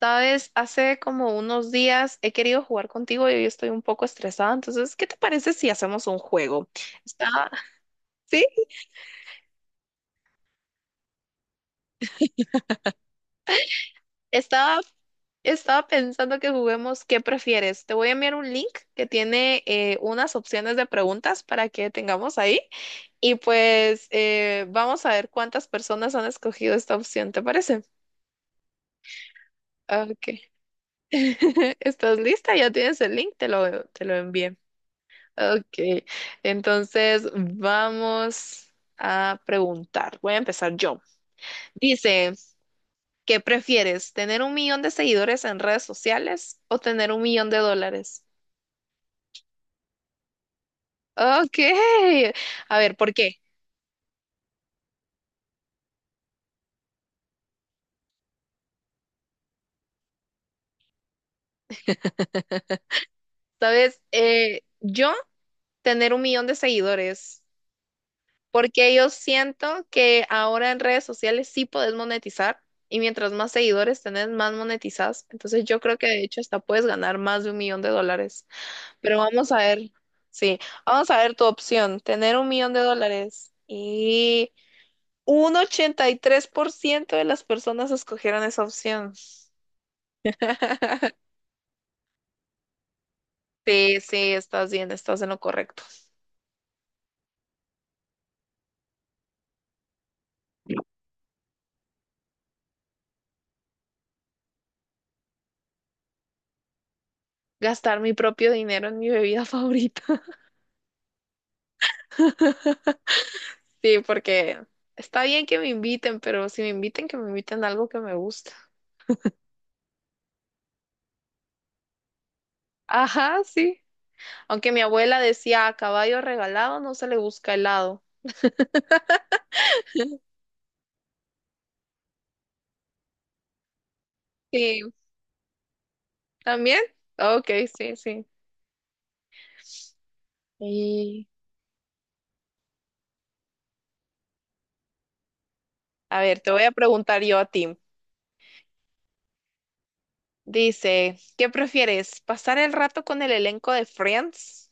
Sabes, hace como unos días he querido jugar contigo y hoy estoy un poco estresada, entonces, ¿qué te parece si hacemos un juego? Estaba, sí, estaba, estaba pensando que juguemos. ¿Qué prefieres? Te voy a enviar un link que tiene unas opciones de preguntas para que tengamos ahí y pues vamos a ver cuántas personas han escogido esta opción, ¿te parece? Ok. ¿Estás lista? Ya tienes el link, te lo envié. Ok, entonces vamos a preguntar. Voy a empezar yo. Dice, ¿qué prefieres? ¿Tener un millón de seguidores en redes sociales o tener un millón de dólares? Ok, a ver, ¿por qué? Sabes, yo tener un millón de seguidores, porque yo siento que ahora en redes sociales sí podés monetizar y mientras más seguidores tenés, más monetizás. Entonces yo creo que de hecho hasta puedes ganar más de un millón de dólares. Pero vamos a ver, sí, vamos a ver tu opción, tener un millón de dólares. Y un 83% de las personas escogieron esa opción. Sí, sí, estás bien, estás en lo correcto. Gastar mi propio dinero en mi bebida favorita. Sí, porque está bien que me inviten, pero si me inviten, que me inviten a algo que me gusta. Ajá, sí. Aunque mi abuela decía, a caballo regalado no se le busca helado. Sí, también. Ok, sí, sí, y a ver, te voy a preguntar yo a ti. Dice, ¿qué prefieres? ¿Pasar el rato con el elenco de Friends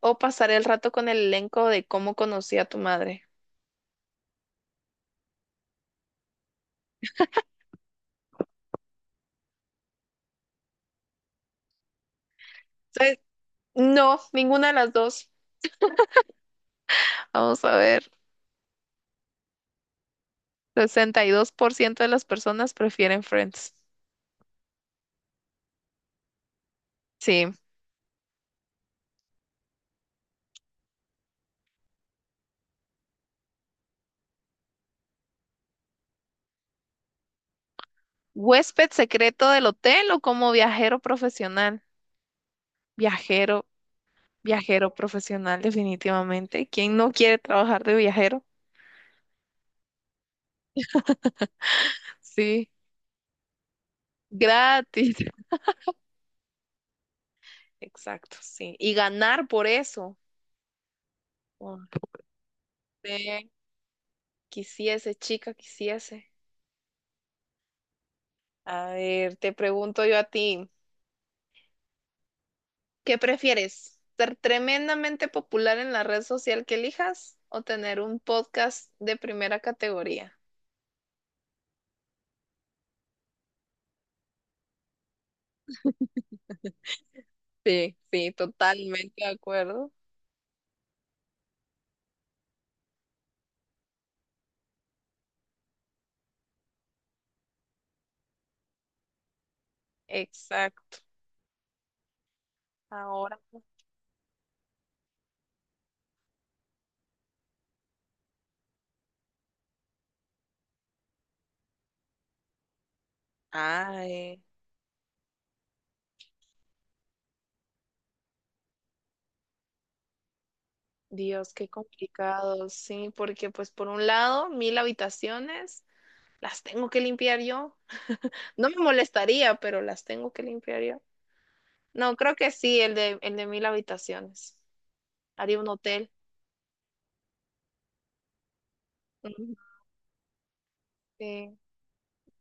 o pasar el rato con el elenco de Cómo conocí a tu madre? Entonces, no, ninguna de las dos. Vamos a ver. 62% de las personas prefieren Friends. Sí. ¿Huésped secreto del hotel o como viajero profesional? Viajero, viajero profesional, definitivamente. ¿Quién no quiere trabajar de viajero? Sí, gratis. Exacto, sí. Y ganar por eso. Porque quisiese, chica, quisiese. A ver, te pregunto yo a ti, ¿qué prefieres? ¿Ser tremendamente popular en la red social que elijas o tener un podcast de primera categoría? Sí, sí, totalmente de acuerdo. Exacto. Ahora. Ay, Dios, qué complicado. Sí, porque pues por un lado, mil habitaciones las tengo que limpiar yo. No me molestaría, pero las tengo que limpiar yo. No, creo que sí, el de mil habitaciones. Haría un hotel. Ujú. Sí,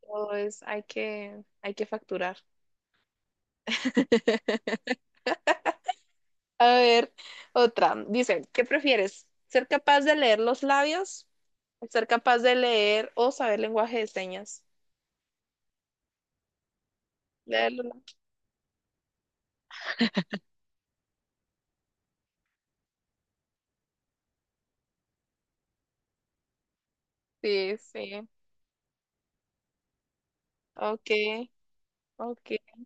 hay que facturar. A ver, otra. Dice, ¿qué prefieres? ¿Ser capaz de leer los labios? ¿Ser capaz de leer o saber lenguaje de señas? Leerlo, ¿no? Sí, sí. Ok, ok.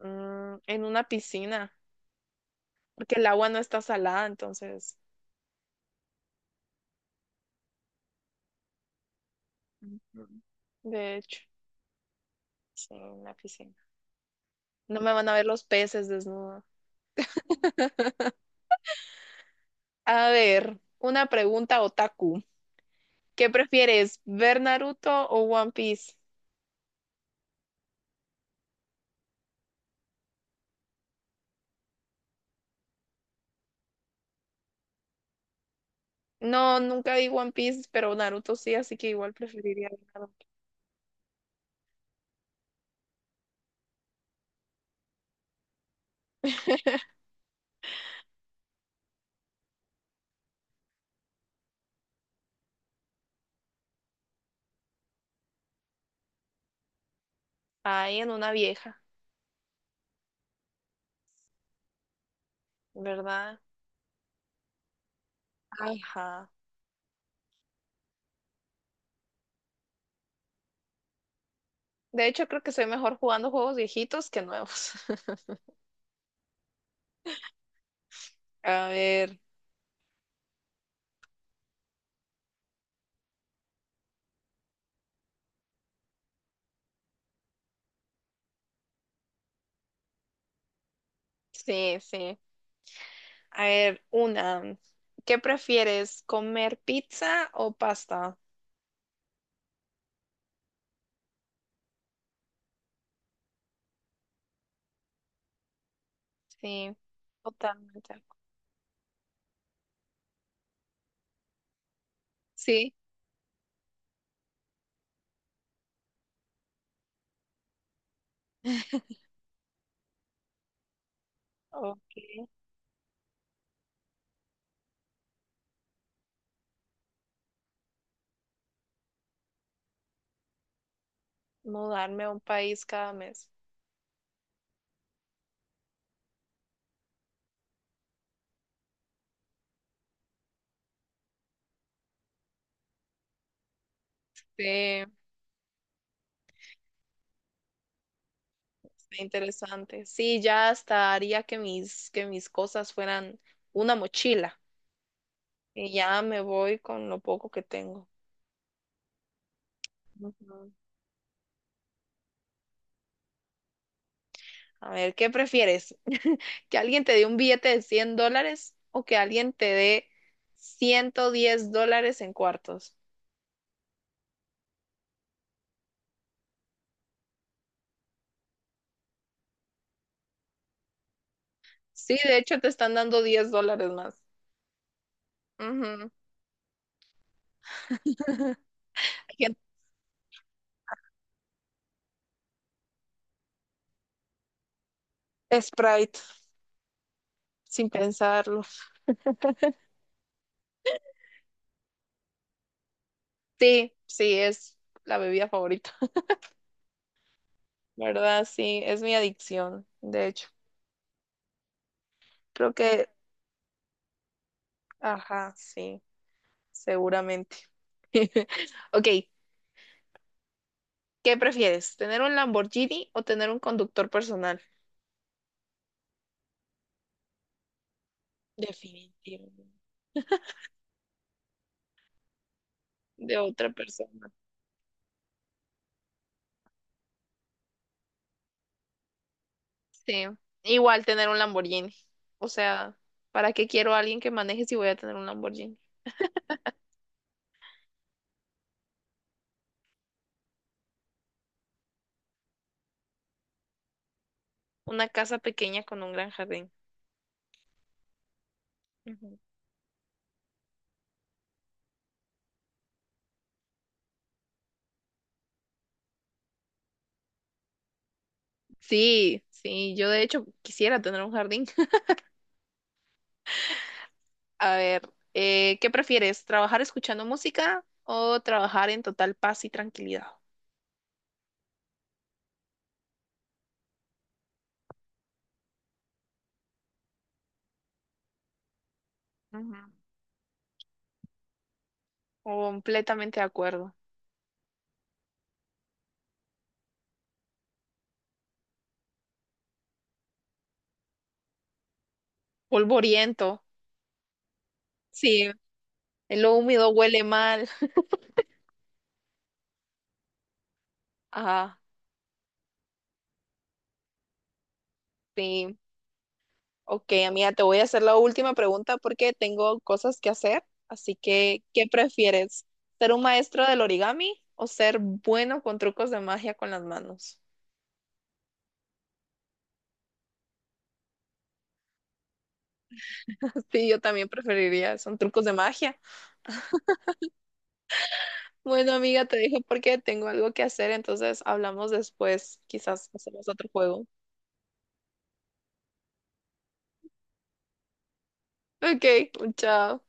Mm, en una piscina, porque el agua no está salada, entonces. Ujú. De hecho, sí, en una piscina. No me van a ver los peces desnuda. A ver, una pregunta otaku. ¿Qué prefieres, ver Naruto o One Piece? No, nunca vi One Piece, pero Naruto sí, así que igual preferiría ver Naruto. Ahí en una vieja, ¿verdad? Ajá. De hecho, creo que soy mejor jugando juegos viejitos que nuevos. A ver, sí, sí. A ver, una. ¿Qué prefieres, comer pizza o pasta? Sí, totalmente. Sí, ok. Mudarme a un país cada mes. Sí, está interesante. Sí, ya hasta haría que que mis cosas fueran una mochila. Y ya me voy con lo poco que tengo. Ujú. A ver, ¿qué prefieres? ¿Que alguien te dé un billete de $100 o que alguien te dé $110 en cuartos? Sí, de hecho te están dando $10 más. Ujú. Hay gente- Sprite, sin pensarlo. Sí, sí, es la bebida favorita, ¿verdad? Sí, es mi adicción, de hecho. Creo que, ajá, sí, seguramente. Ok, ¿qué prefieres? ¿Tener un Lamborghini o tener un conductor personal? Definitivamente. De otra persona. Sí, igual tener un Lamborghini. O sea, ¿para qué quiero a alguien que maneje si voy a tener un Lamborghini? Una casa pequeña con un gran jardín. Ujú. Sí, sí, yo de hecho quisiera tener un jardín. A ver, ¿qué prefieres? ¿Trabajar escuchando música o trabajar en total paz y tranquilidad? Ujú. Completamente de acuerdo. Polvoriento. Sí, lo húmedo huele mal. Ajá, sí. Ok, amiga, te voy a hacer la última pregunta porque tengo cosas que hacer. Así que, ¿qué prefieres? ¿Ser un maestro del origami o ser bueno con trucos de magia con las manos? Sí, yo también preferiría, son trucos de magia. Bueno, amiga, te dejo porque tengo algo que hacer, entonces hablamos después. Quizás hacemos otro juego. Ok, chao.